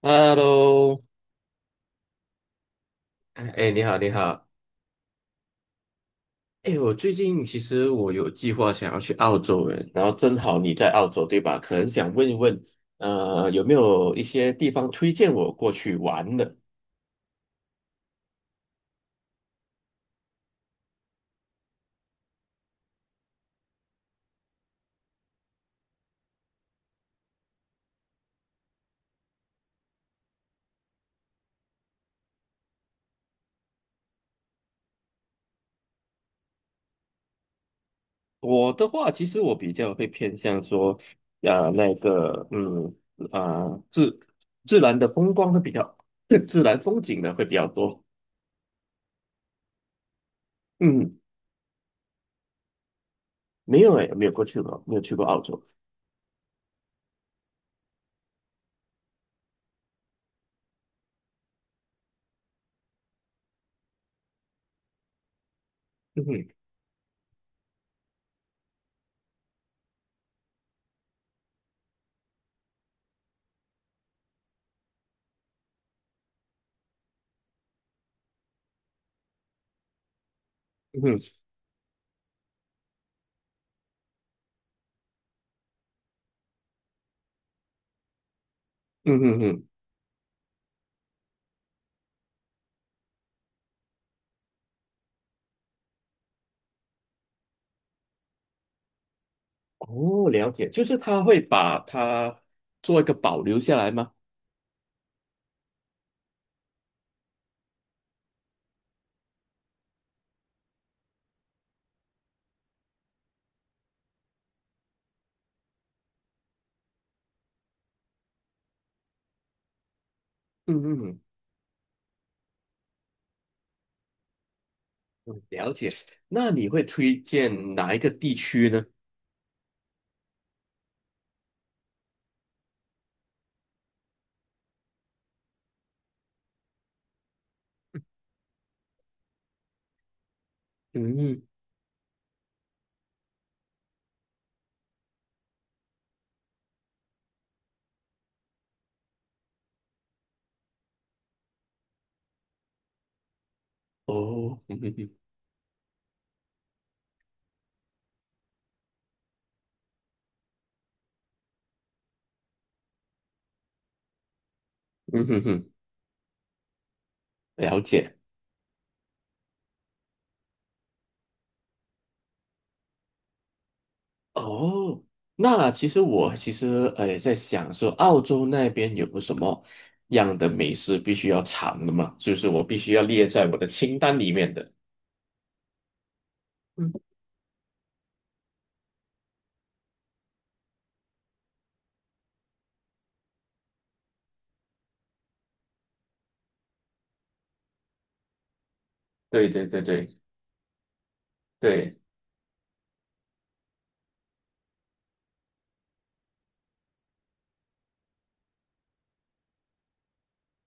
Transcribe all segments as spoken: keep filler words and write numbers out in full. Hello。哎，哎你好，你好。哎，我最近其实我有计划想要去澳洲诶，然后正好你在澳洲，对吧？可能想问一问，呃，有没有一些地方推荐我过去玩的？我的话，其实我比较会偏向说，呃，那个，嗯，啊、自自然的风光会比较，自然风景呢会比较多。嗯。没有诶，没有过去过，没有去过澳洲。嗯哼。嗯哼。嗯哼嗯哼。哦，了解，就是他会把它做一个保留下来吗？嗯嗯嗯，了解。那你会推荐哪一个地区呢？嗯。哦。嗯哼哼。嗯哼哼，了解。哦，那其实我其实呃也在想说，澳洲那边有什么样的美食必须要尝的嘛？就是我必须要列在我的清单里面的。嗯，对对对对对。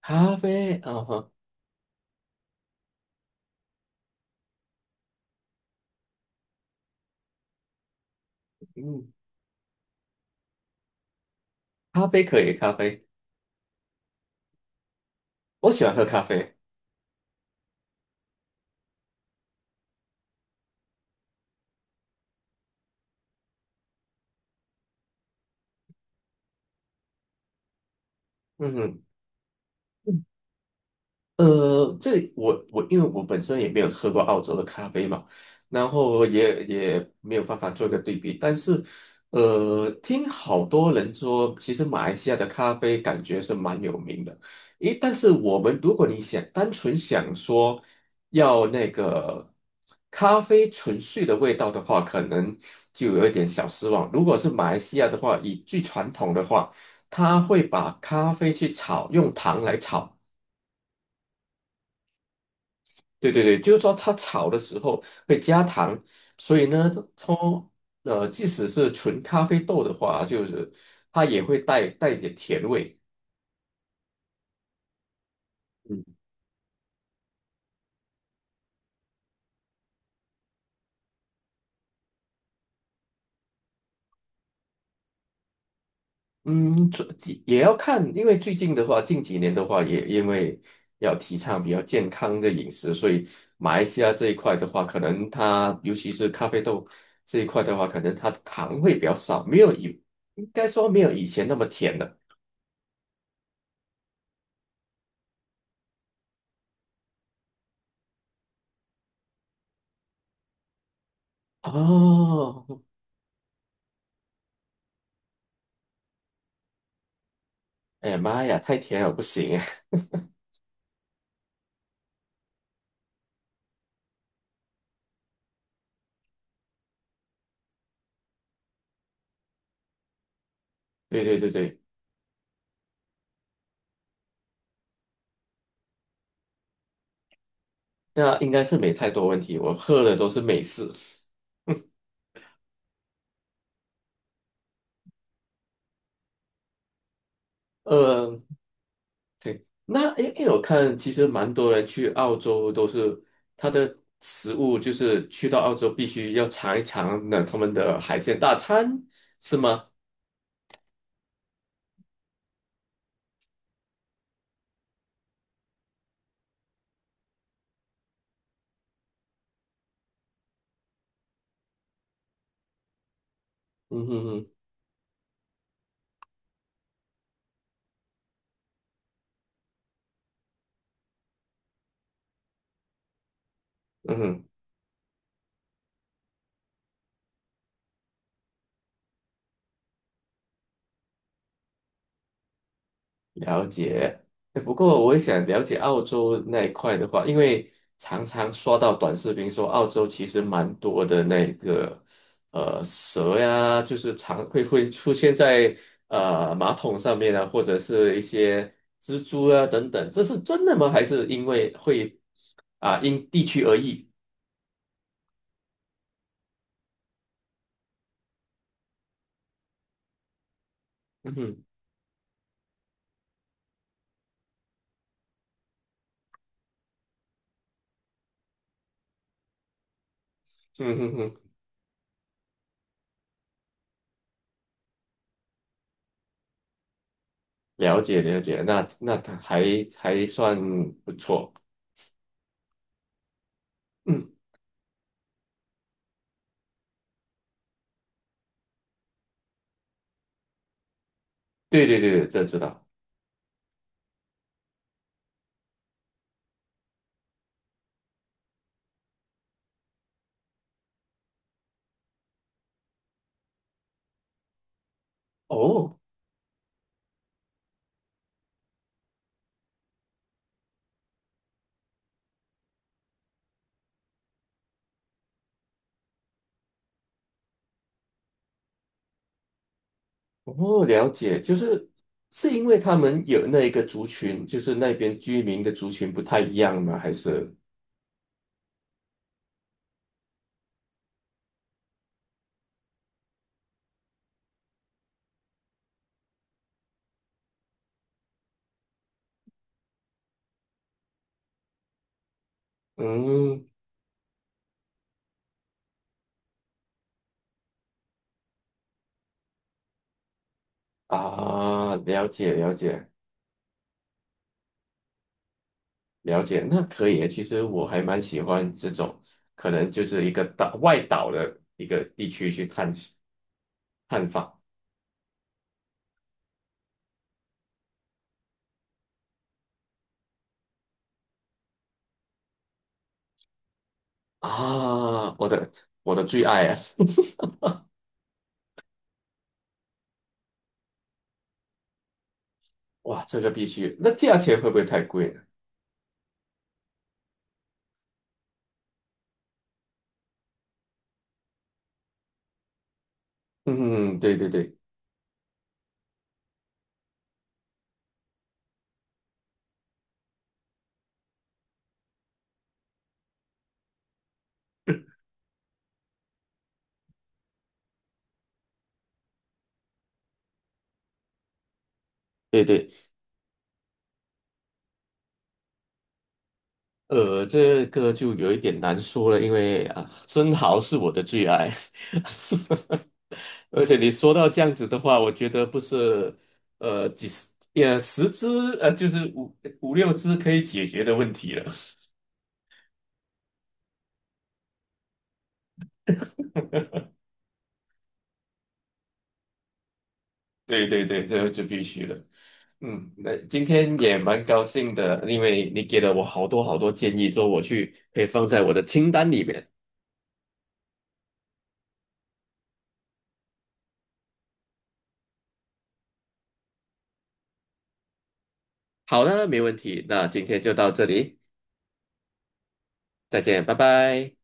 咖啡啊哈。嗯，咖啡可以，咖啡。我喜欢喝咖啡。嗯哼。呃，这我我因为我本身也没有喝过澳洲的咖啡嘛，然后也也没有办法做一个对比，但是呃，听好多人说，其实马来西亚的咖啡感觉是蛮有名的。诶，但是我们如果你想单纯想说要那个咖啡纯粹的味道的话，可能就有一点小失望。如果是马来西亚的话，以最传统的话，它会把咖啡去炒，用糖来炒。对对对，就是说它炒的时候会加糖，所以呢，从呃，即使是纯咖啡豆的话，就是它也会带带一点甜味。嗯。嗯，这也要看，因为最近的话，近几年的话，也因为要提倡比较健康的饮食，所以马来西亚这一块的话，可能它尤其是咖啡豆这一块的话，可能它的糖会比较少，没有以应该说没有以前那么甜了。哦。哎呀妈呀，太甜了不行啊。对对对对，那应该是没太多问题。我喝的都是美式。呃，对。那诶诶，因为我看其实蛮多人去澳洲都是他的食物，就是去到澳洲必须要尝一尝那他们的海鲜大餐，是吗？嗯哼哼。嗯哼。了解。哎，不过我也想了解澳洲那一块的话，因为常常刷到短视频说澳洲其实蛮多的那个呃蛇呀，就是常会会出现在呃马桶上面啊，或者是一些蜘蛛啊等等，这是真的吗？还是因为会啊、因地区而异？嗯哼。嗯哼哼。了解了解，那那它还还算不错。嗯，对对对，这知道。哦。哦，了解，就是是因为他们有那一个族群，就是那边居民的族群不太一样吗？还是嗯啊，了解了解了解，那可以。其实我还蛮喜欢这种，可能就是一个岛外岛的一个地区去探险探访。啊，我的我的最爱啊！哇，这个必须。那价钱会不会太贵呢？嗯，对对对对对。呃，这个就有一点难说了，因为啊，生蚝是我的最爱。而且你说到这样子的话，我觉得不是呃几十呃十只呃就是五五六只可以解决的问题了。对对对，这就必须的。嗯，那今天也蛮高兴的，因为你给了我好多好多建议，说我去可以放在我的清单里面。好的，没问题。那今天就到这里，再见，拜拜。